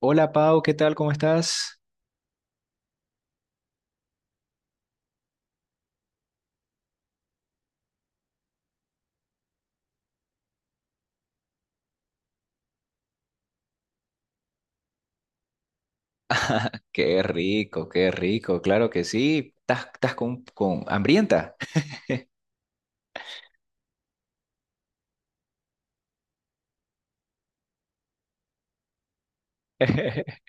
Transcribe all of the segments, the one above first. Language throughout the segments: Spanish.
Hola Pau, ¿qué tal? ¿Cómo estás? Qué rico, claro que sí. ¿Estás, estás con hambrienta?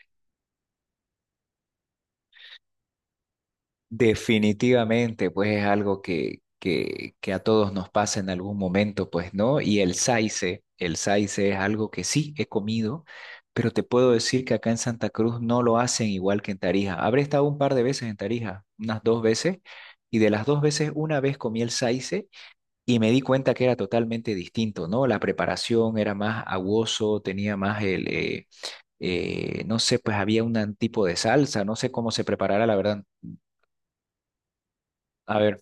Definitivamente, pues es algo que a todos nos pasa en algún momento, pues, ¿no? Y el saice es algo que sí he comido, pero te puedo decir que acá en Santa Cruz no lo hacen igual que en Tarija. Habré estado un par de veces en Tarija, unas dos veces, y de las dos veces, una vez comí el saice. Y me di cuenta que era totalmente distinto, ¿no? La preparación era más aguoso, tenía más el, no sé, pues había un tipo de salsa, no sé cómo se preparara, la verdad. A ver,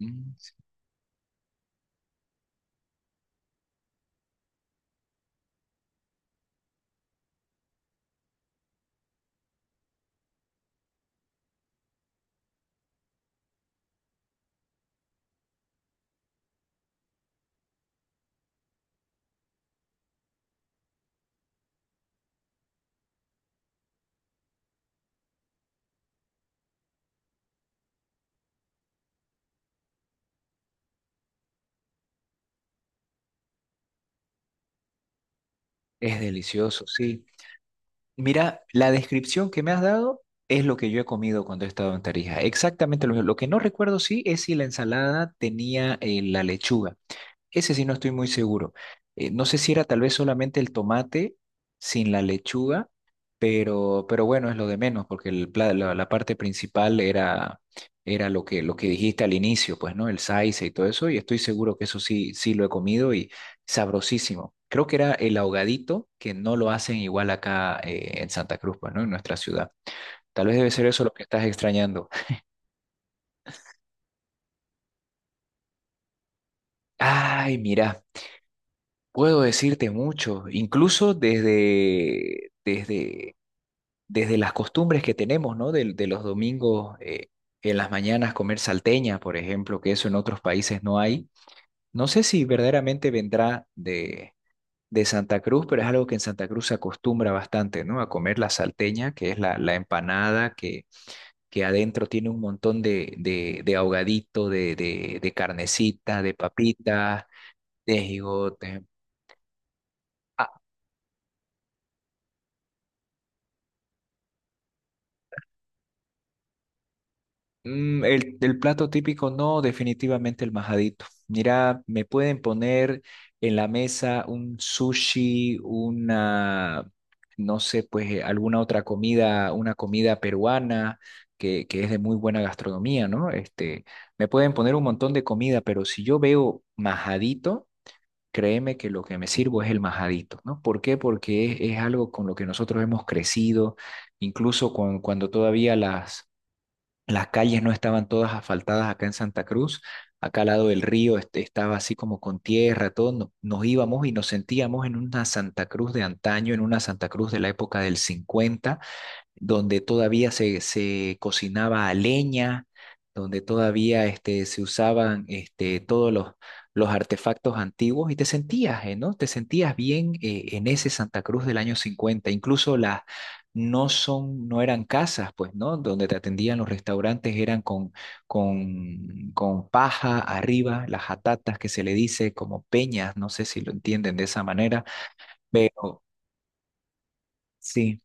mm, es delicioso, sí. Mira, la descripción que me has dado es lo que yo he comido cuando he estado en Tarija. Exactamente lo mismo. Lo que no recuerdo, sí, es si la ensalada tenía la lechuga. Ese sí no estoy muy seguro. No sé si era tal vez solamente el tomate sin la lechuga, pero bueno, es lo de menos, porque la, la parte principal era, era lo que dijiste al inicio, pues, ¿no? El saice y todo eso, y estoy seguro que eso sí, sí lo he comido y sabrosísimo. Creo que era el ahogadito, que no lo hacen igual acá en Santa Cruz, pues, ¿no? En nuestra ciudad. Tal vez debe ser eso lo que estás extrañando. Ay, mira. Puedo decirte mucho, incluso desde las costumbres que tenemos, ¿no? De los domingos en las mañanas comer salteña, por ejemplo, que eso en otros países no hay. No sé si verdaderamente vendrá de Santa Cruz, pero es algo que en Santa Cruz se acostumbra bastante, ¿no? A comer la salteña, que es la empanada que adentro tiene un montón de ahogadito, de carnecita, de papitas, de jigote. Mm, el plato típico, no, definitivamente el majadito. Mira, me pueden poner en la mesa un sushi, una, no sé, pues alguna otra comida, una comida peruana que es de muy buena gastronomía, ¿no? Este, me pueden poner un montón de comida, pero si yo veo majadito, créeme que lo que me sirvo es el majadito, ¿no? ¿Por qué? Porque es algo con lo que nosotros hemos crecido, incluso cuando todavía las calles no estaban todas asfaltadas acá en Santa Cruz. Acá al lado del río este, estaba así como con tierra, todo. Nos íbamos y nos sentíamos en una Santa Cruz de antaño, en una Santa Cruz de la época del cincuenta, donde todavía se cocinaba a leña, donde todavía este, se usaban este, todos los artefactos antiguos y te sentías, ¿no? Te sentías bien en ese Santa Cruz del año 50. Incluso las no son, no eran casas, pues, ¿no? Donde te atendían los restaurantes eran con paja arriba, las jatatas que se le dice como peñas, no sé si lo entienden de esa manera, pero... Sí.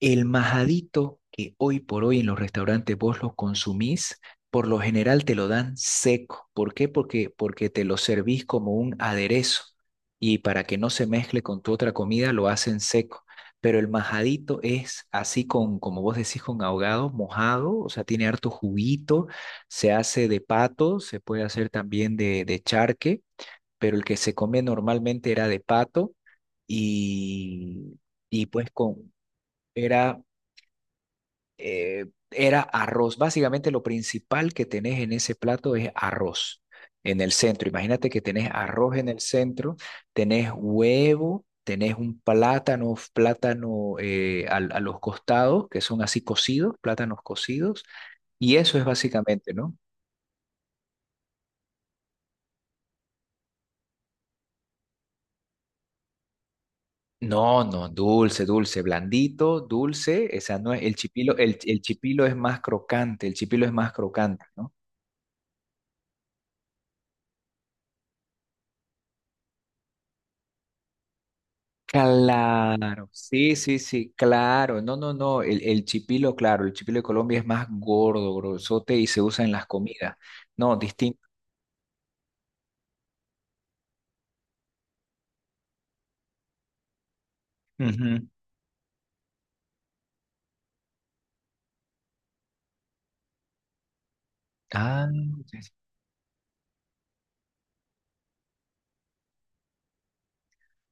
El majadito que hoy por hoy en los restaurantes vos lo consumís, por lo general te lo dan seco. ¿Por qué? Porque, porque te lo servís como un aderezo y para que no se mezcle con tu otra comida lo hacen seco. Pero el majadito es así con, como vos decís, con ahogado, mojado, o sea, tiene harto juguito, se hace de pato, se puede hacer también de charque, pero el que se come normalmente era de pato y, y pues con, era eh, era arroz. Básicamente lo principal que tenés en ese plato es arroz en el centro. Imagínate que tenés arroz en el centro, tenés huevo, tenés un plátano, plátano a los costados, que son así cocidos, plátanos cocidos, y eso es básicamente, ¿no? No, no, dulce, dulce, blandito, dulce, esa no es, el chipilo, el chipilo es más crocante, el chipilo es más crocante, ¿no? Claro, sí, sí, sí, claro. No, no, no. El chipilo, claro, el chipilo de Colombia es más gordo, grosote y se usa en las comidas. No, distinto. Ujú. Ah, ya sé.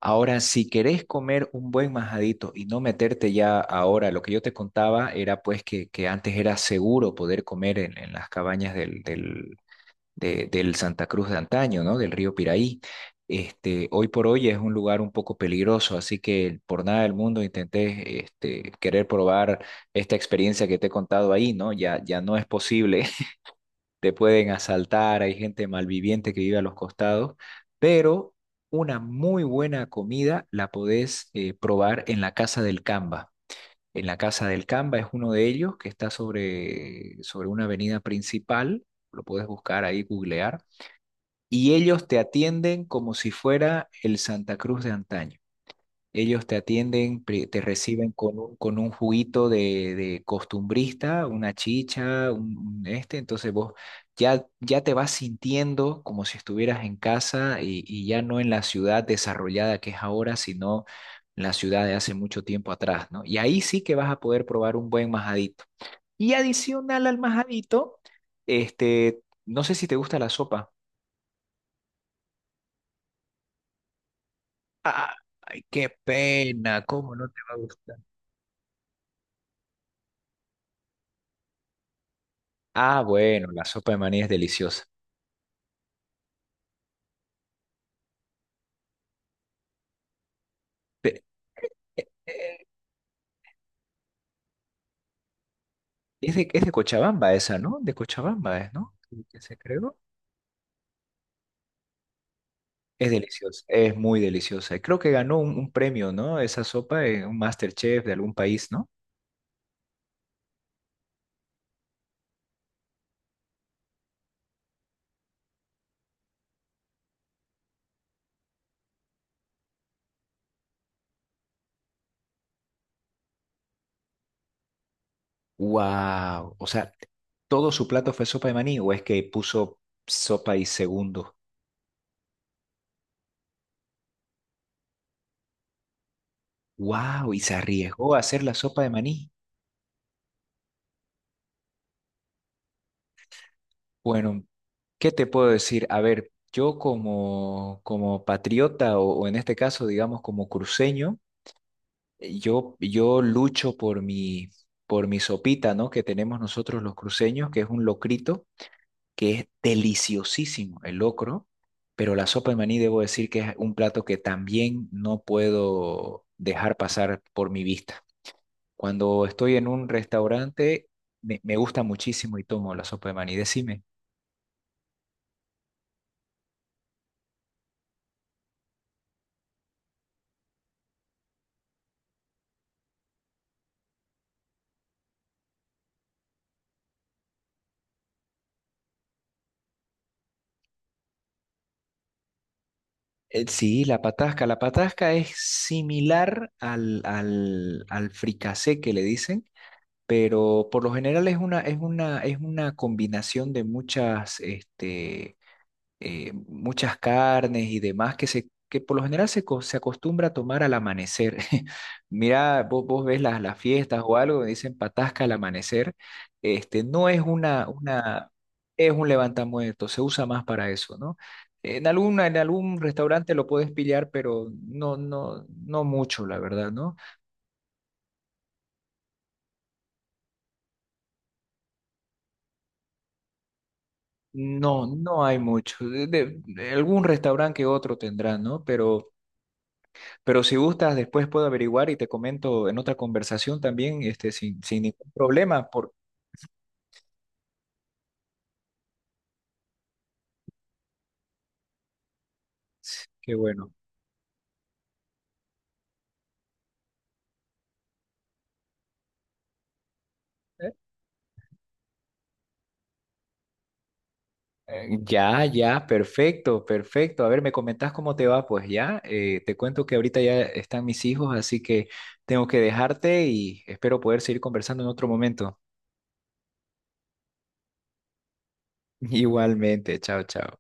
Ahora, si querés comer un buen majadito y no meterte ya ahora, lo que yo te contaba era pues que antes era seguro poder comer en las cabañas del Santa Cruz de antaño, ¿no? Del río Piraí. Este, hoy por hoy es un lugar un poco peligroso, así que por nada del mundo intenté este, querer probar esta experiencia que te he contado ahí, ¿no? Ya, ya no es posible. Te pueden asaltar, hay gente malviviente que vive a los costados, pero una muy buena comida la podés probar en la Casa del Camba. En la Casa del Camba es uno de ellos que está sobre una avenida principal, lo puedes buscar ahí, googlear, y ellos te atienden como si fuera el Santa Cruz de antaño. Ellos te atienden, te reciben con un juguito de costumbrista, una chicha, un este, entonces vos ya, ya te vas sintiendo como si estuvieras en casa y ya no en la ciudad desarrollada que es ahora, sino la ciudad de hace mucho tiempo atrás, ¿no? Y ahí sí que vas a poder probar un buen majadito. Y adicional al majadito, este, no sé si te gusta la sopa. Ah, ay, qué pena, ¿cómo no te va a gustar? Ah, bueno, la sopa de maní es deliciosa. Pe- eh, es es de Cochabamba esa, ¿no? De Cochabamba es, ¿no? Que se creó. Es deliciosa, es muy deliciosa. Y creo que ganó un premio, ¿no? Esa sopa, en un MasterChef de algún país, ¿no? Wow, o sea, ¿todo su plato fue sopa de maní o es que puso sopa y segundo? Wow, y se arriesgó a hacer la sopa de maní. Bueno, ¿qué te puedo decir? A ver, yo como, como patriota o en este caso, digamos, como cruceño, yo, yo lucho por mi sopita, ¿no? Que tenemos nosotros los cruceños, que es un locrito, que es deliciosísimo el locro, pero la sopa de maní debo decir que es un plato que también no puedo dejar pasar por mi vista. Cuando estoy en un restaurante, me gusta muchísimo y tomo la sopa de maní. Decime. Sí, la patasca. La patasca es similar al fricasé que le dicen, pero por lo general es una, es una combinación de muchas, muchas carnes y demás que se que por lo general se se acostumbra a tomar al amanecer. Mira, vos, vos ves las fiestas o algo, dicen patasca al amanecer. Este, no es una, es un levantamuerto, se usa más para eso, ¿no? En alguna, en algún restaurante lo puedes pillar, pero no, no, no mucho, la verdad, ¿no? No, no hay mucho. De algún restaurante que otro tendrá, ¿no? Pero si gustas, después puedo averiguar y te comento en otra conversación también, este, sin, sin ningún problema, porque qué bueno. Eh, Ya, ya, perfecto, perfecto. A ver, me comentás cómo te va, pues ya. Te cuento que ahorita ya están mis hijos, así que tengo que dejarte y espero poder seguir conversando en otro momento. Igualmente, chao, chao.